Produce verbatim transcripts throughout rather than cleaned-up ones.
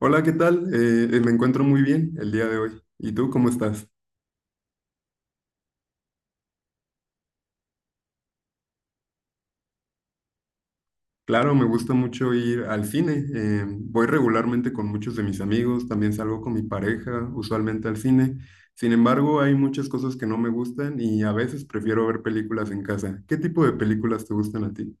Hola, ¿qué tal? Eh, eh, me encuentro muy bien el día de hoy. ¿Y tú cómo estás? Claro, me gusta mucho ir al cine. eh, voy regularmente con muchos de mis amigos, también salgo con mi pareja, usualmente al cine. Sin embargo, hay muchas cosas que no me gustan y a veces prefiero ver películas en casa. ¿Qué tipo de películas te gustan a ti?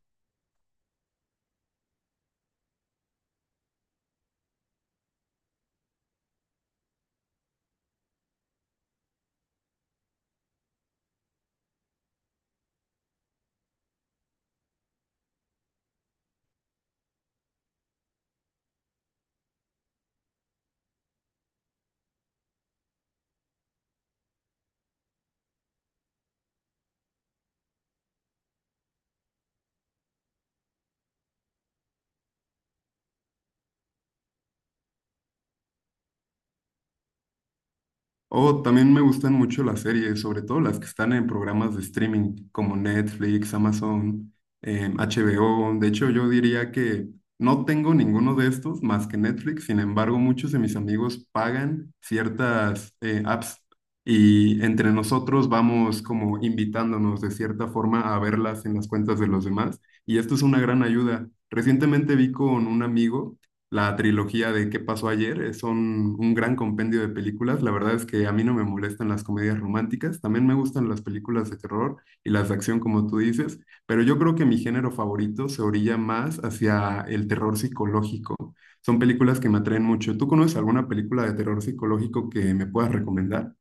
Oh, también me gustan mucho las series, sobre todo las que están en programas de streaming como Netflix, Amazon, em, H B O. De hecho, yo diría que no tengo ninguno de estos más que Netflix. Sin embargo, muchos de mis amigos pagan ciertas eh, apps y entre nosotros vamos como invitándonos de cierta forma a verlas en las cuentas de los demás. Y esto es una gran ayuda. Recientemente vi con un amigo la trilogía de ¿Qué pasó ayer? eh, Son un gran compendio de películas. La verdad es que a mí no me molestan las comedias románticas, también me gustan las películas de terror y las de acción, como tú dices, pero yo creo que mi género favorito se orilla más hacia el terror psicológico. Son películas que me atraen mucho. ¿Tú conoces alguna película de terror psicológico que me puedas recomendar?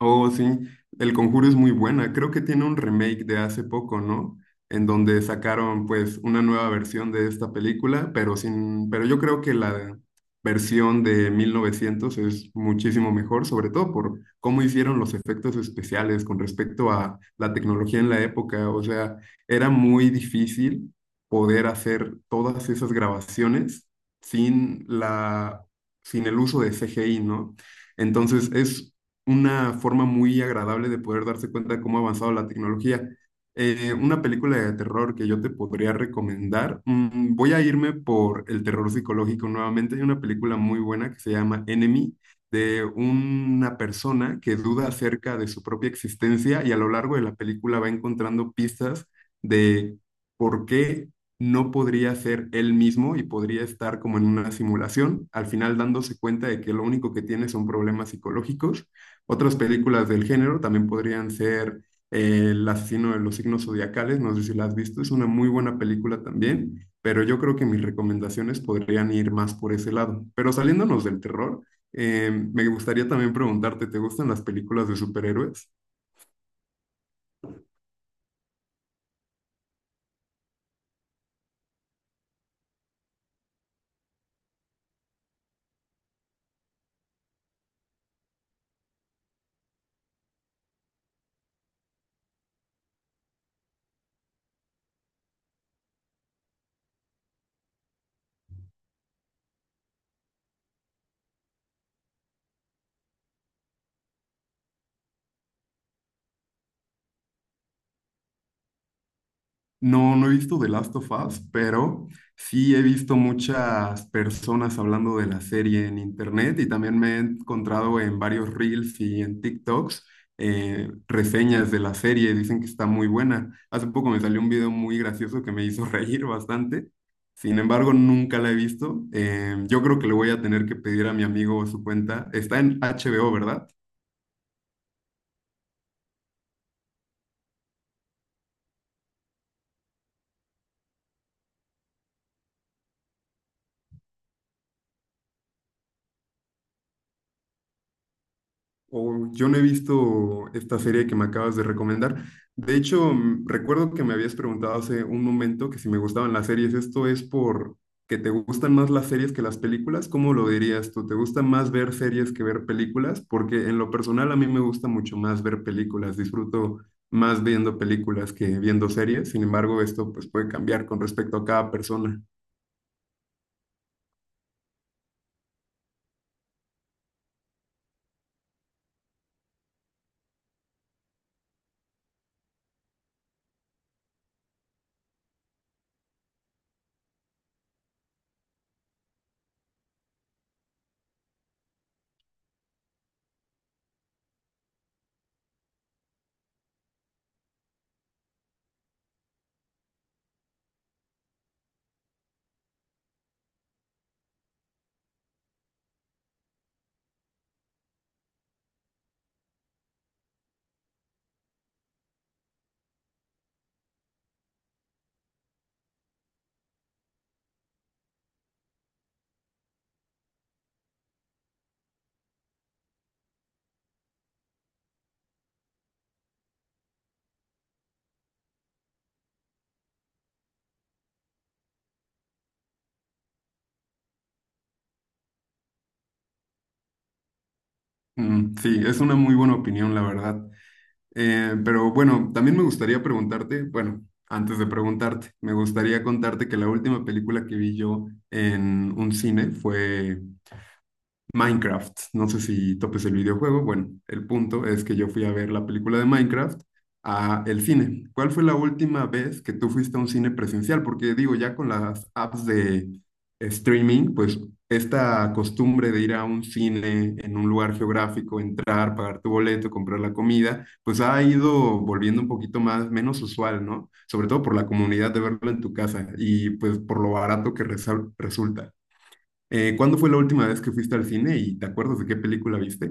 Oh, sí, El Conjuro es muy buena. Creo que tiene un remake de hace poco, ¿no? En donde sacaron pues una nueva versión de esta película, pero sin, pero yo creo que la versión de mil novecientos es muchísimo mejor, sobre todo por cómo hicieron los efectos especiales con respecto a la tecnología en la época. O sea, era muy difícil poder hacer todas esas grabaciones sin la, sin el uso de C G I, ¿no? Entonces es una forma muy agradable de poder darse cuenta de cómo ha avanzado la tecnología. Eh, una película de terror que yo te podría recomendar, mm, voy a irme por el terror psicológico nuevamente. Hay una película muy buena que se llama Enemy, de una persona que duda acerca de su propia existencia y a lo largo de la película va encontrando pistas de por qué no podría ser él mismo y podría estar como en una simulación, al final dándose cuenta de que lo único que tiene son problemas psicológicos. Otras películas del género también podrían ser eh, El asesino de los signos zodiacales, no sé si la has visto, es una muy buena película también, pero yo creo que mis recomendaciones podrían ir más por ese lado. Pero saliéndonos del terror, eh, me gustaría también preguntarte, ¿te gustan las películas de superhéroes? No, no he visto The Last of Us, pero sí he visto muchas personas hablando de la serie en internet y también me he encontrado en varios reels y en TikToks eh, reseñas de la serie. Dicen que está muy buena. Hace poco me salió un video muy gracioso que me hizo reír bastante. Sin embargo, nunca la he visto. Eh, yo creo que le voy a tener que pedir a mi amigo su cuenta. Está en H B O, ¿verdad? Oh, yo no he visto esta serie que me acabas de recomendar. De hecho, mm, recuerdo que me habías preguntado hace un momento que si me gustaban las series. ¿Esto es por que te gustan más las series que las películas? ¿Cómo lo dirías tú? ¿Te gusta más ver series que ver películas? Porque en lo personal a mí me gusta mucho más ver películas. Disfruto más viendo películas que viendo series. Sin embargo, esto pues puede cambiar con respecto a cada persona. Mm, sí, es una muy buena opinión, la verdad. Eh, pero bueno, también me gustaría preguntarte, bueno, antes de preguntarte, me gustaría contarte que la última película que vi yo en un cine fue Minecraft. No sé si topes el videojuego. Bueno, el punto es que yo fui a ver la película de Minecraft a el cine. ¿Cuál fue la última vez que tú fuiste a un cine presencial? Porque digo, ya con las apps de streaming, pues esta costumbre de ir a un cine en un lugar geográfico, entrar, pagar tu boleto, comprar la comida, pues ha ido volviendo un poquito más, menos usual, ¿no? Sobre todo por la comunidad de verlo en tu casa y pues por lo barato que resal- resulta. Eh, ¿cuándo fue la última vez que fuiste al cine y te acuerdas de qué película viste?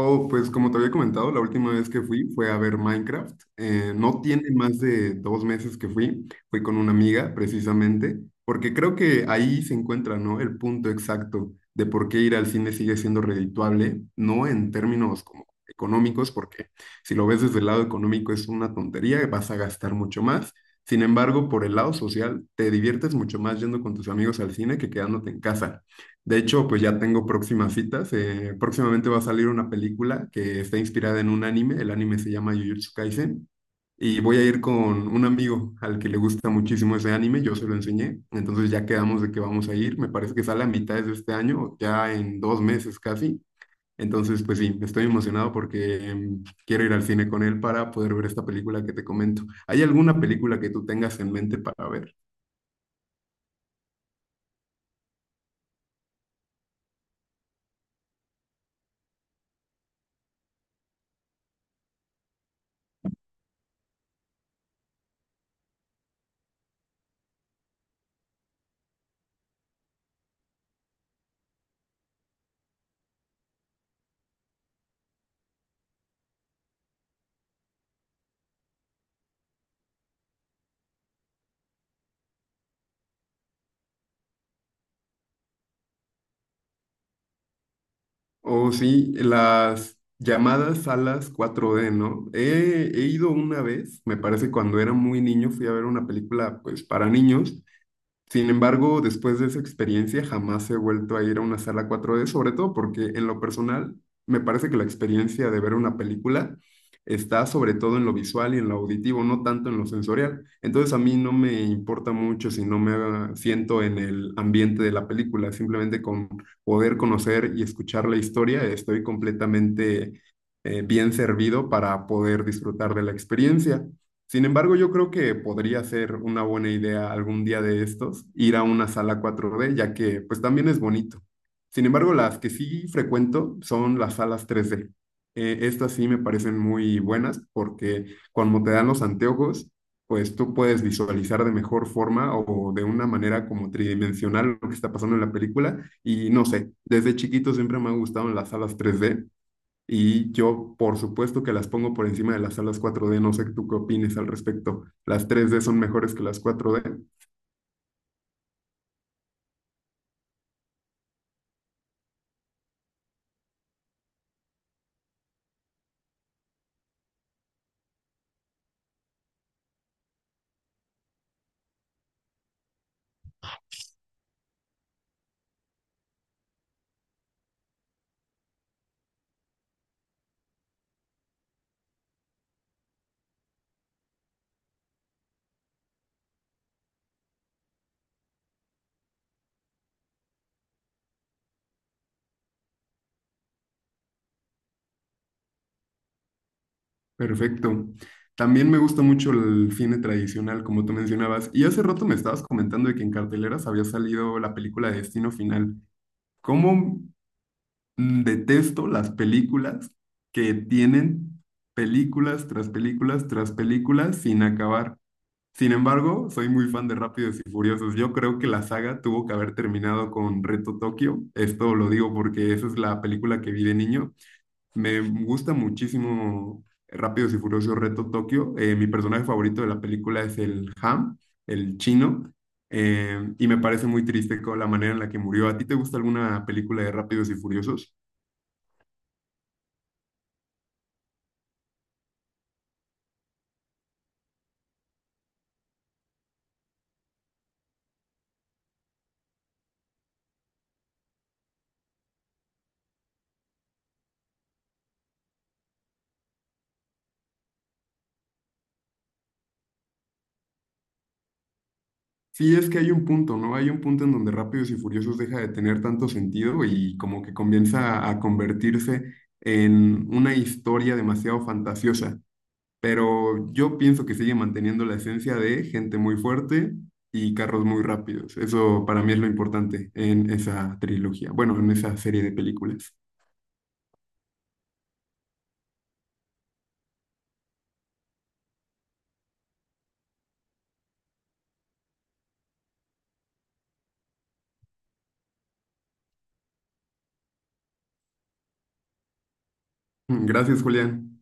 Oh, pues como te había comentado, la última vez que fui fue a ver Minecraft. Eh, no tiene más de dos meses que fui. Fui con una amiga, precisamente, porque creo que ahí se encuentra, ¿no? El punto exacto de por qué ir al cine sigue siendo redituable, no en términos como económicos, porque si lo ves desde el lado económico es una tontería, vas a gastar mucho más. Sin embargo, por el lado social, te diviertes mucho más yendo con tus amigos al cine que quedándote en casa. De hecho, pues ya tengo próximas citas. eh, próximamente va a salir una película que está inspirada en un anime. El anime se llama Jujutsu Kaisen. Y voy a ir con un amigo al que le gusta muchísimo ese anime. Yo se lo enseñé. Entonces ya quedamos de que vamos a ir. Me parece que sale a mitades de este año, ya en dos meses casi. Entonces, pues sí, estoy emocionado porque em, quiero ir al cine con él para poder ver esta película que te comento. ¿Hay alguna película que tú tengas en mente para ver? Oh, sí, las llamadas salas cuatro d, ¿no? He, he ido una vez, me parece cuando era muy niño, fui a ver una película pues para niños. Sin embargo, después de esa experiencia, jamás he vuelto a ir a una sala cuatro d, sobre todo porque en lo personal me parece que la experiencia de ver una película está sobre todo en lo visual y en lo auditivo, no tanto en lo sensorial. Entonces a mí no me importa mucho si no me siento en el ambiente de la película, simplemente con poder conocer y escuchar la historia, estoy completamente eh, bien servido para poder disfrutar de la experiencia. Sin embargo, yo creo que podría ser una buena idea algún día de estos ir a una sala cuatro d, ya que pues también es bonito. Sin embargo, las que sí frecuento son las salas tres d. Eh, estas sí me parecen muy buenas porque cuando te dan los anteojos, pues tú puedes visualizar de mejor forma o de una manera como tridimensional lo que está pasando en la película. Y no sé, desde chiquito siempre me han gustado las salas tres d y yo, por supuesto que las pongo por encima de las salas cuatro d, no sé tú qué opines al respecto. Las tres d son mejores que las cuatro d. Perfecto. También me gusta mucho el cine tradicional, como tú mencionabas. Y hace rato me estabas comentando de que en carteleras había salido la película de Destino Final. ¿Cómo mm, detesto las películas que tienen películas tras películas tras películas sin acabar? Sin embargo, soy muy fan de Rápidos y Furiosos. Yo creo que la saga tuvo que haber terminado con Reto Tokio. Esto lo digo porque esa es la película que vi de niño. Me gusta muchísimo Rápidos y Furiosos Reto Tokio. Eh, mi personaje favorito de la película es el Ham, el chino. Eh, y me parece muy triste con la manera en la que murió. ¿A ti te gusta alguna película de Rápidos y Furiosos? Sí, es que hay un punto, ¿no? Hay un punto en donde Rápidos y Furiosos deja de tener tanto sentido y como que comienza a convertirse en una historia demasiado fantasiosa. Pero yo pienso que sigue manteniendo la esencia de gente muy fuerte y carros muy rápidos. Eso para mí es lo importante en esa trilogía, bueno, en esa serie de películas. Gracias, Julián.